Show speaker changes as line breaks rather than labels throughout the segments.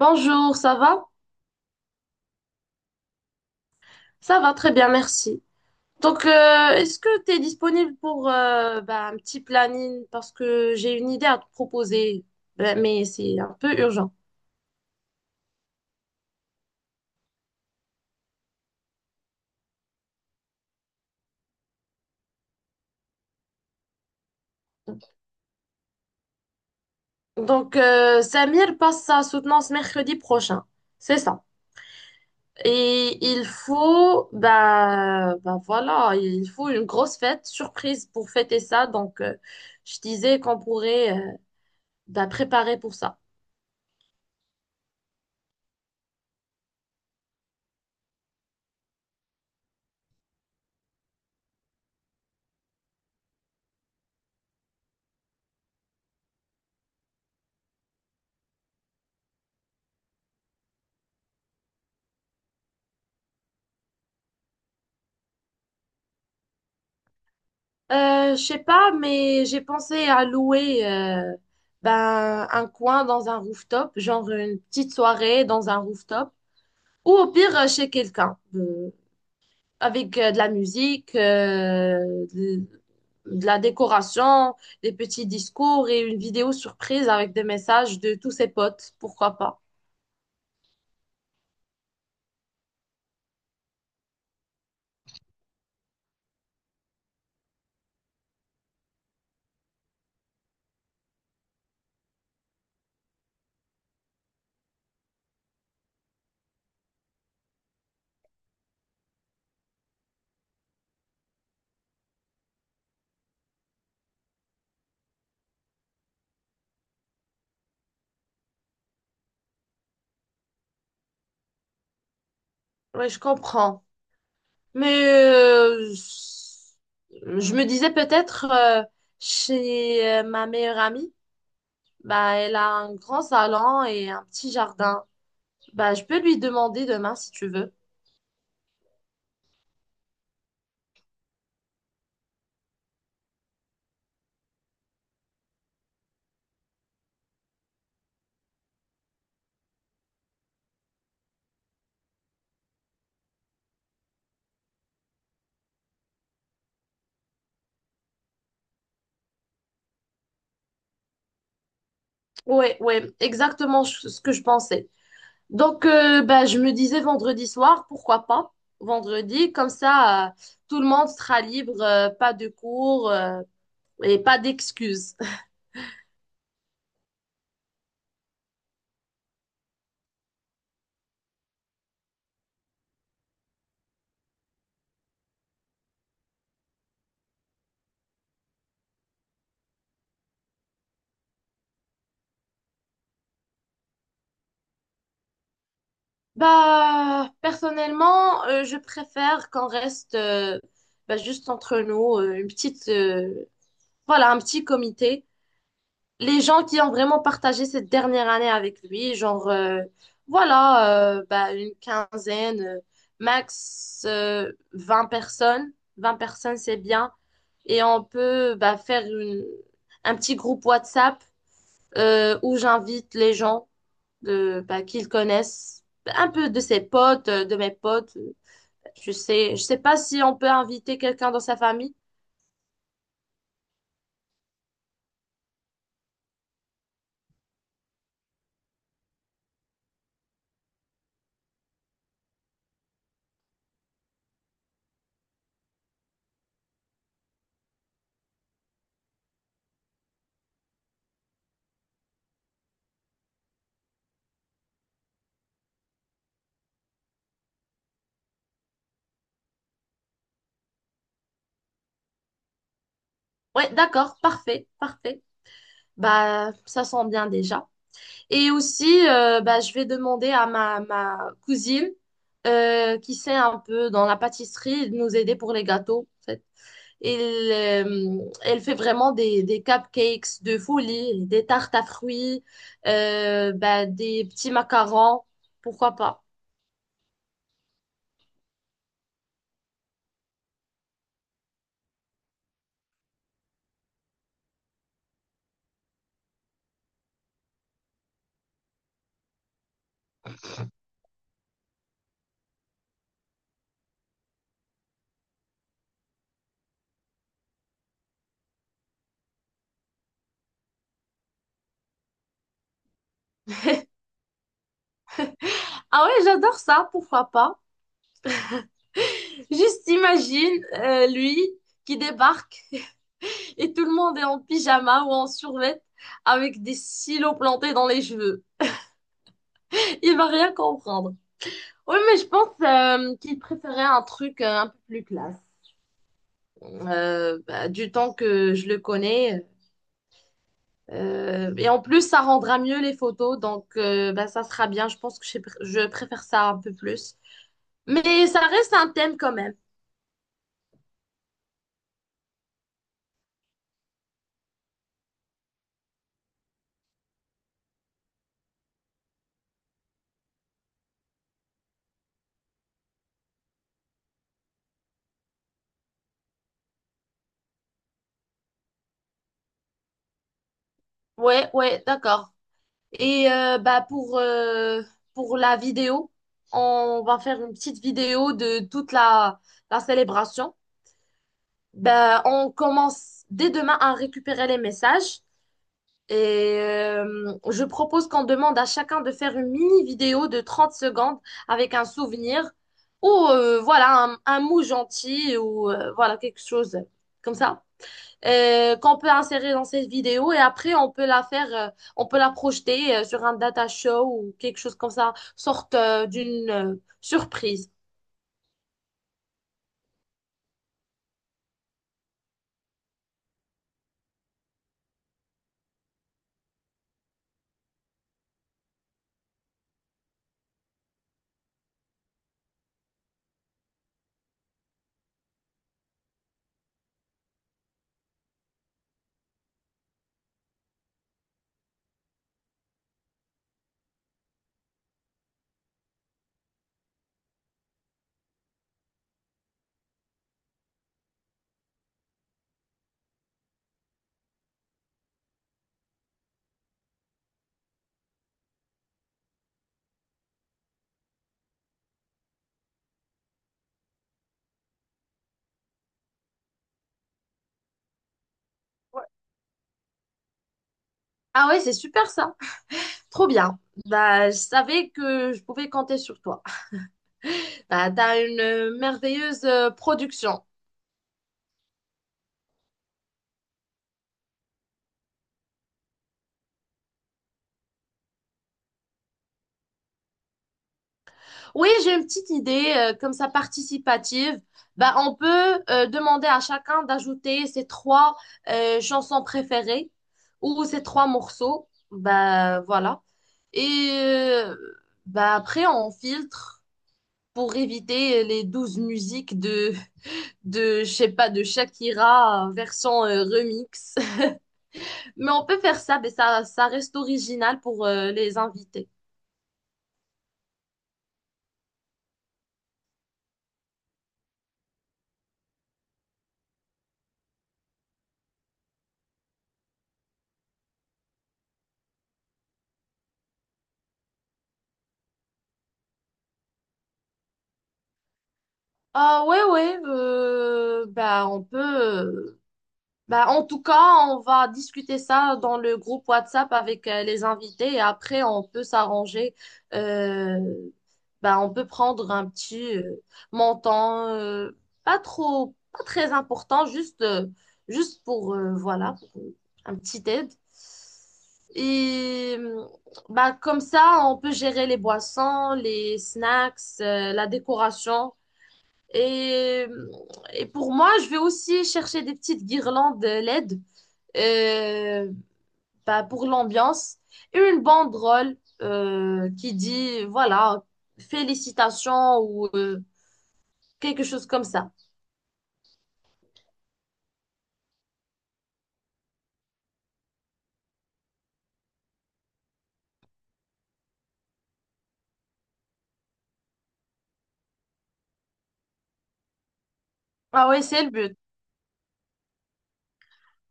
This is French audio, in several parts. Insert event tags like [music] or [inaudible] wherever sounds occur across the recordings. Bonjour, ça va? Ça va très bien, merci. Donc, euh, Est-ce que tu es disponible pour bah, un petit planning? Parce que j'ai une idée à te proposer, bah, mais c'est un peu urgent. Samir passe sa soutenance mercredi prochain. C'est ça. Et il faut, bah, bah voilà, il faut une grosse fête, surprise pour fêter ça. Je disais qu'on pourrait bah, préparer pour ça. Je sais pas, mais j'ai pensé à louer ben, un coin dans un rooftop, genre une petite soirée dans un rooftop, ou au pire chez quelqu'un, avec de la musique, de, de la décoration, des petits discours et une vidéo surprise avec des messages de tous ses potes, pourquoi pas. Oui, je comprends. Mais je me disais peut-être chez ma meilleure amie. Bah, elle a un grand salon et un petit jardin. Bah, je peux lui demander demain si tu veux. Ouais, ouais, exactement ce que je pensais. Bah, je me disais vendredi soir, pourquoi pas? Vendredi, comme ça, tout le monde sera libre, pas de cours, et pas d'excuses. [laughs] Bah, personnellement, je préfère qu'on reste bah, juste entre nous, une petite, voilà, un petit comité. Les gens qui ont vraiment partagé cette dernière année avec lui, genre, voilà, bah, une quinzaine, max 20 personnes. 20 personnes, c'est bien. Et on peut bah, faire un petit groupe WhatsApp où j'invite les gens bah, qu'ils connaissent, un peu de ses potes, de mes potes. Je sais pas si on peut inviter quelqu'un dans sa famille. Ouais, d'accord, parfait, parfait. Bah, ça sent bien déjà. Et aussi, bah, je vais demander à ma cousine qui sait un peu dans la pâtisserie de nous aider pour les gâteaux. En fait. Et elle fait vraiment des cupcakes de folie, des tartes à fruits, bah, des petits macarons, pourquoi pas. Ah ouais, j'adore ça, pourquoi pas. Juste imagine lui qui débarque [laughs] et tout le monde est en pyjama ou en survêt avec des silos plantés dans les cheveux. Il va rien comprendre. Oui, mais je pense qu'il préférait un truc un peu plus classe. Bah, du temps que je le connais. Et en plus, ça rendra mieux les photos, donc bah, ça sera bien. Je pense que je préfère ça un peu plus. Mais ça reste un thème quand même. Ouais, ouais, d'accord. Et bah, pour la vidéo, on va faire une petite vidéo de la célébration. Bah, on commence dès demain à récupérer les messages. Et je propose qu'on demande à chacun de faire une mini vidéo de 30 secondes avec un souvenir ou voilà un mot gentil ou voilà quelque chose comme ça qu'on peut insérer dans cette vidéo et après on peut la faire on peut la projeter sur un data show ou quelque chose comme ça sorte d'une surprise. Ouais. Ah ouais, c'est super ça. Trop bien. Bah, je savais que je pouvais compter sur toi. Bah, t'as une merveilleuse production. Oui, j'ai une petite idée, comme ça participative. Bah, on peut demander à chacun d'ajouter ses trois chansons préférées ou ses trois morceaux. Bah, voilà. Et après, on filtre pour éviter les douze musiques je sais pas, de Shakira version remix. [laughs] Mais on peut faire ça, mais ça reste original pour les invités. Ah ouais ouais bah on peut Bah, en tout cas, on va discuter ça dans le groupe WhatsApp avec les invités et après, on peut s'arranger. Euh, Bah, on peut prendre un petit montant, pas trop, pas très important, juste pour, voilà, pour un petit aide. Et bah, comme ça, on peut gérer les boissons, les snacks, la décoration. Et, et pour moi, je vais aussi chercher des petites guirlandes LED euh, bah, pour l'ambiance et une banderole qui dit, voilà, félicitations ou quelque chose comme ça. Ah oui, c'est le but.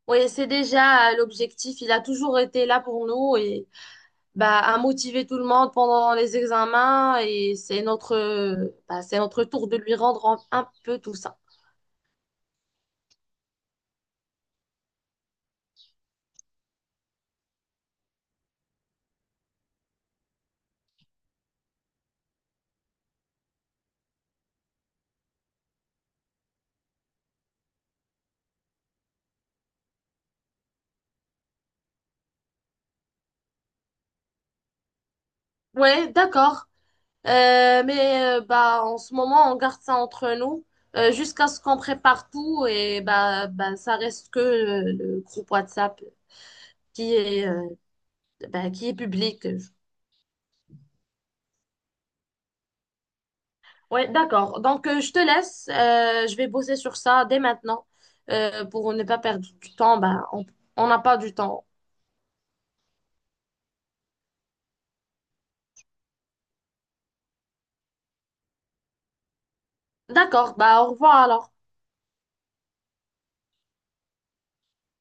Oui, c'est déjà l'objectif. Il a toujours été là pour nous et bah, à motiver tout le monde pendant les examens et c'est notre, bah, c'est notre tour de lui rendre un peu tout ça. Ouais, d'accord. Mais bah, en ce moment, on garde ça entre nous jusqu'à ce qu'on prépare tout et bah, ça reste que le groupe WhatsApp qui est, bah, qui est public. Ouais, d'accord. Je te laisse. Je vais bosser sur ça dès maintenant pour ne pas perdre du temps. Bah, on n'a pas du temps. D'accord. Bah, au revoir alors.